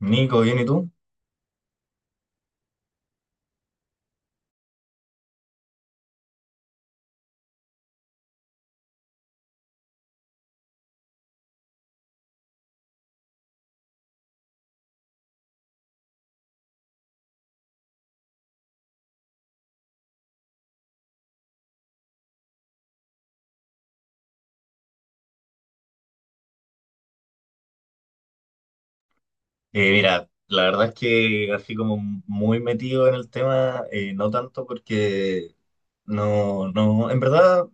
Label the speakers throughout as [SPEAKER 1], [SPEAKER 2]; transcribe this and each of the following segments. [SPEAKER 1] Nico, bien, ¿y tú? Mira, la verdad es que así como muy metido en el tema, no tanto porque no, no, en verdad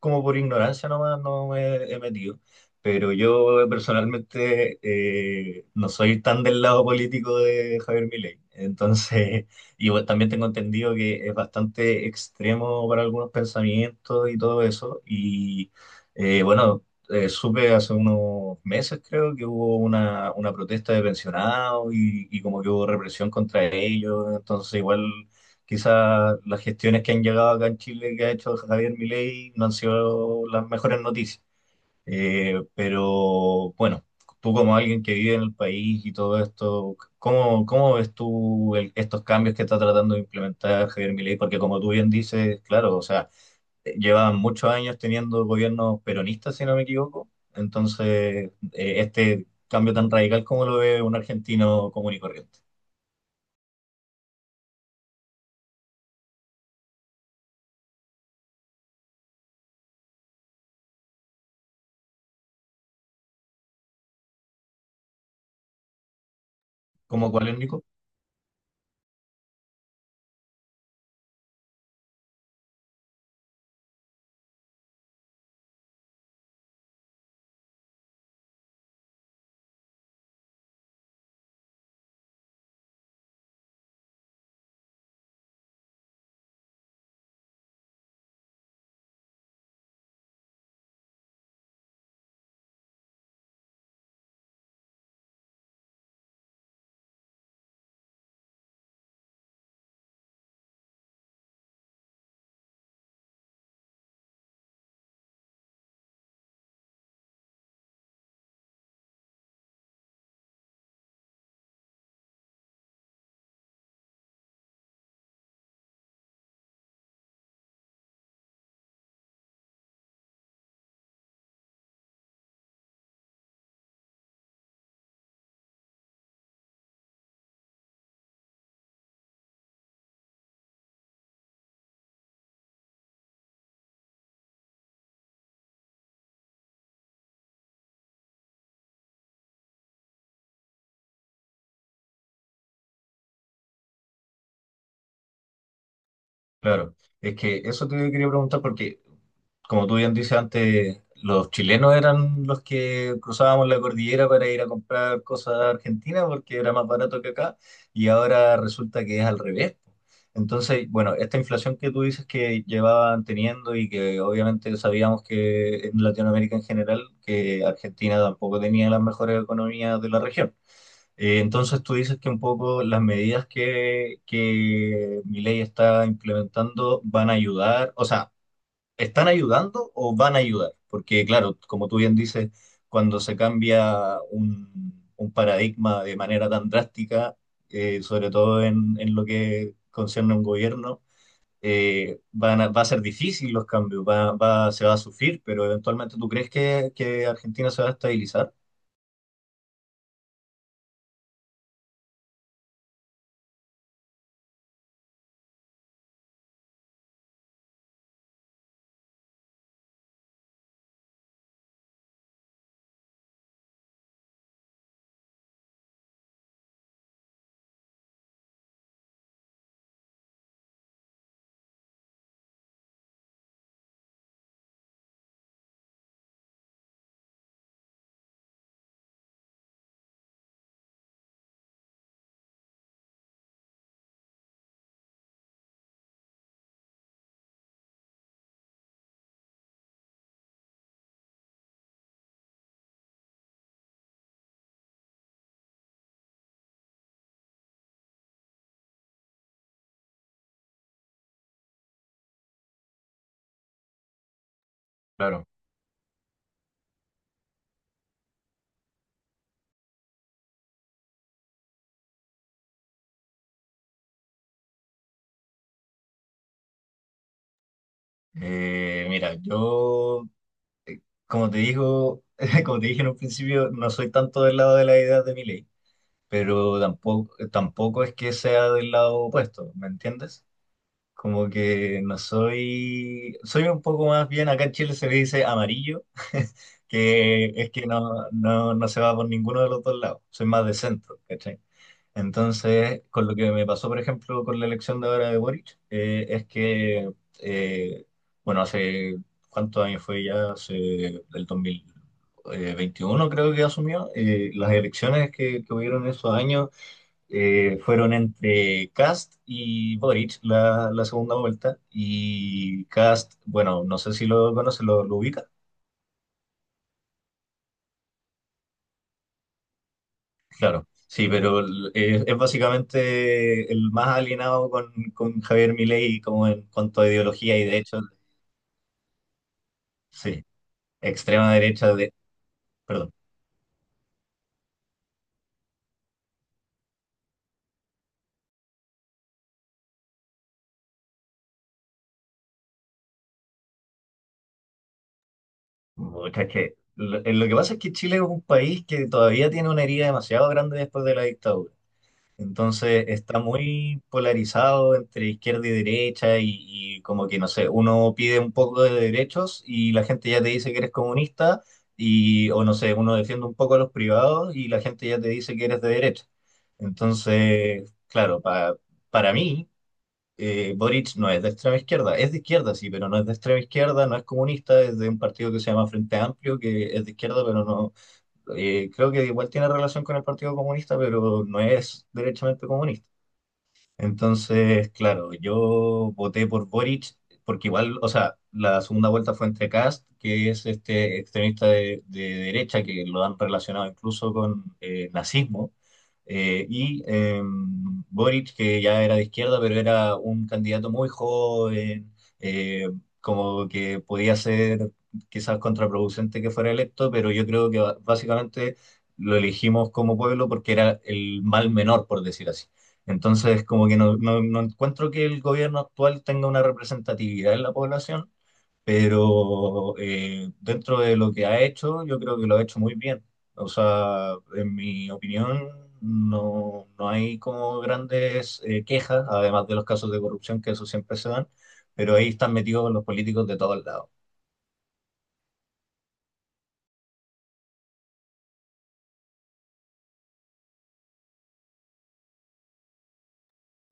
[SPEAKER 1] como por ignorancia nomás no me he metido. Pero yo personalmente no soy tan del lado político de Javier Milei. Entonces, y bueno, también tengo entendido que es bastante extremo para algunos pensamientos y todo eso. Y bueno, supe hace unos meses, creo, que hubo una protesta de pensionados y como que hubo represión contra ellos. Entonces, igual. Quizás las gestiones que han llegado acá en Chile que ha hecho Javier Milei no han sido las mejores noticias. Pero bueno, tú como alguien que vive en el país y todo esto, ¿cómo ves tú estos cambios que está tratando de implementar Javier Milei? Porque como tú bien dices, claro, o sea, llevan muchos años teniendo gobiernos peronistas, si no me equivoco. Entonces, este cambio tan radical, ¿cómo lo ve un argentino común y corriente? ¿Cómo cuál es, Nico? Claro, es que eso te quería preguntar porque, como tú bien dices antes, los chilenos eran los que cruzábamos la cordillera para ir a comprar cosas a Argentina porque era más barato que acá y ahora resulta que es al revés. Entonces, bueno, esta inflación que tú dices que llevaban teniendo y que obviamente sabíamos que en Latinoamérica en general, que Argentina tampoco tenía las mejores economías de la región. Entonces tú dices que un poco las medidas que ley está implementando van a ayudar, o sea, ¿están ayudando o van a ayudar? Porque claro, como tú bien dices, cuando se cambia un paradigma de manera tan drástica, sobre todo en lo que concierne a un gobierno, va a ser difícil los cambios, se va a sufrir, pero eventualmente ¿tú crees que Argentina se va a estabilizar? Claro. Mira, yo como te digo, como te dije en un principio, no soy tanto del lado de la idea de Milei, pero tampoco, tampoco es que sea del lado opuesto, ¿me entiendes? Como que no soy, soy un poco más bien, acá en Chile se le dice amarillo, que es que no, no, no se va por ninguno de los dos lados, soy más de centro, ¿cachai? Entonces, con lo que me pasó, por ejemplo, con la elección de ahora de Boric, es que, eh, bueno, hace cuántos años fue ya, hace del 2021, creo que asumió, las elecciones que hubieron esos años fueron entre Cast y Boric, la segunda vuelta, y Cast, bueno, no sé si lo conoce, lo ubica. Claro, sí, pero es básicamente el más alienado con Javier Milei como en cuanto a ideología y de hecho, sí, extrema derecha perdón. Pucha, es que lo que pasa es que Chile es un país que todavía tiene una herida demasiado grande después de la dictadura. Entonces está muy polarizado entre izquierda y derecha y como que, no sé, uno pide un poco de derechos y la gente ya te dice que eres comunista y, o no sé, uno defiende un poco a los privados y la gente ya te dice que eres de derecha. Entonces, claro, para mí, Boric no es de extrema izquierda, es de izquierda, sí, pero no es de extrema izquierda, no es comunista, es de un partido que se llama Frente Amplio, que es de izquierda, pero no creo que igual tiene relación con el Partido Comunista, pero no es derechamente comunista. Entonces, claro, yo voté por Boric porque igual, o sea, la segunda vuelta fue entre Kast, que es este extremista de derecha que lo han relacionado incluso con nazismo, y Boric, que ya era de izquierda, pero era un candidato muy joven, eh, como que podía ser quizás contraproducente que fuera electo, pero yo creo que básicamente lo elegimos como pueblo porque era el mal menor, por decir así. Entonces, como que no, no, no encuentro que el gobierno actual tenga una representatividad en la población, pero dentro de lo que ha hecho, yo creo que lo ha hecho muy bien. O sea, en mi opinión, no, no hay como grandes quejas, además de los casos de corrupción, que eso siempre se dan, pero ahí están metidos los políticos de todos lados.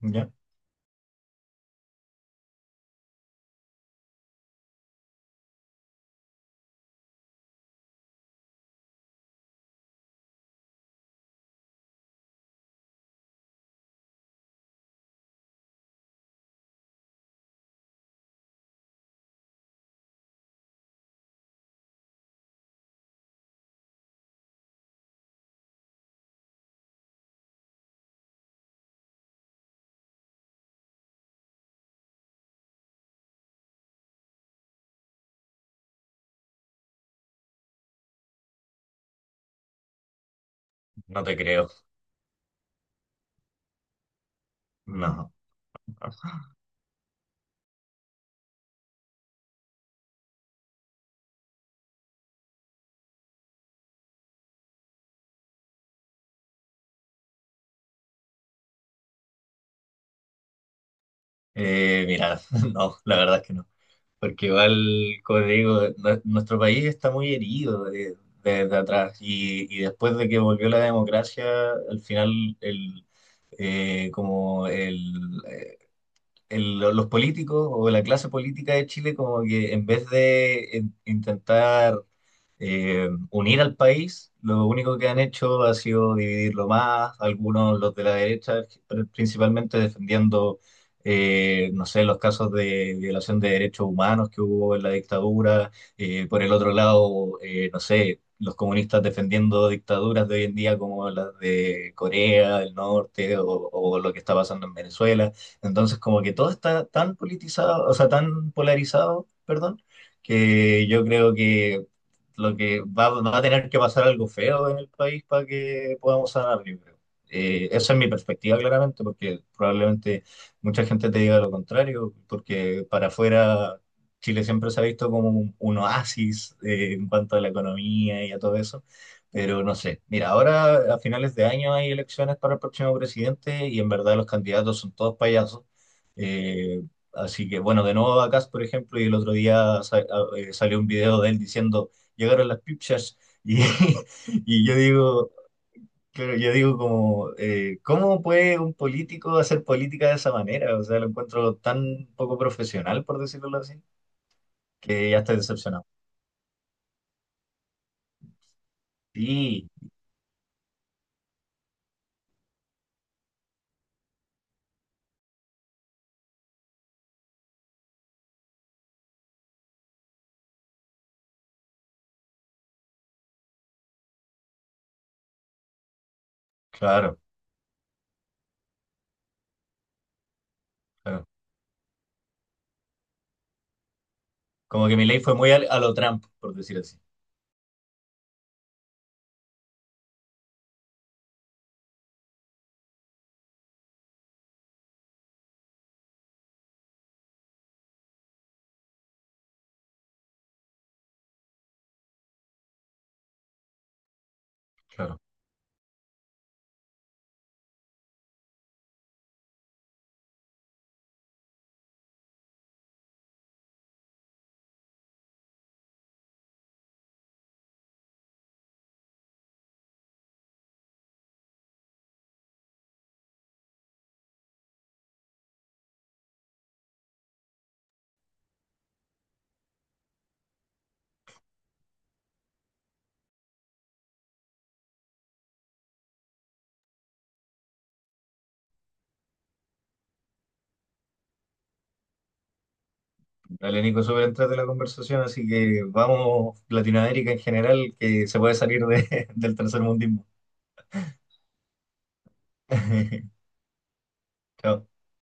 [SPEAKER 1] ¿Ya? No te creo, no. Mira, no, la verdad es que no. Porque igual, como te digo, nuestro país está muy herido desde atrás y después de que volvió la democracia, al final el, como el- lo- los políticos o la clase política de Chile como que en vez de intentar unir al país, lo único que han hecho ha sido dividirlo más, algunos los de la derecha, principalmente defendiendo, no sé, los casos de violación de derechos humanos que hubo en la dictadura, por el otro lado, no sé, los comunistas defendiendo dictaduras de hoy en día como las de Corea del Norte o lo que está pasando en Venezuela. Entonces, como que todo está tan politizado, o sea, tan polarizado, perdón, que yo creo que lo que va a tener que pasar algo feo en el país para que podamos sanar, yo creo. Esa es mi perspectiva, claramente, porque probablemente mucha gente te diga lo contrario, porque para afuera Chile siempre se ha visto como un oasis en cuanto a la economía y a todo eso. Pero no sé, mira, ahora a finales de año hay elecciones para el próximo presidente y en verdad los candidatos son todos payasos. Eh, Así que bueno, de nuevo Bacás, por ejemplo, y el otro día salió un video de él diciendo, llegaron las pipchas y, y yo digo, claro, yo digo como, ¿cómo puede un político hacer política de esa manera? O sea, lo encuentro tan poco profesional, por decirlo así, que ya estoy decepcionado. Sí, claro, claro. Como que mi ley fue muy a lo Trump, por decir así. Claro. Dale, Nico, súper entrate la conversación, así que vamos, Latinoamérica en general, que se puede salir del tercer mundismo. Chao.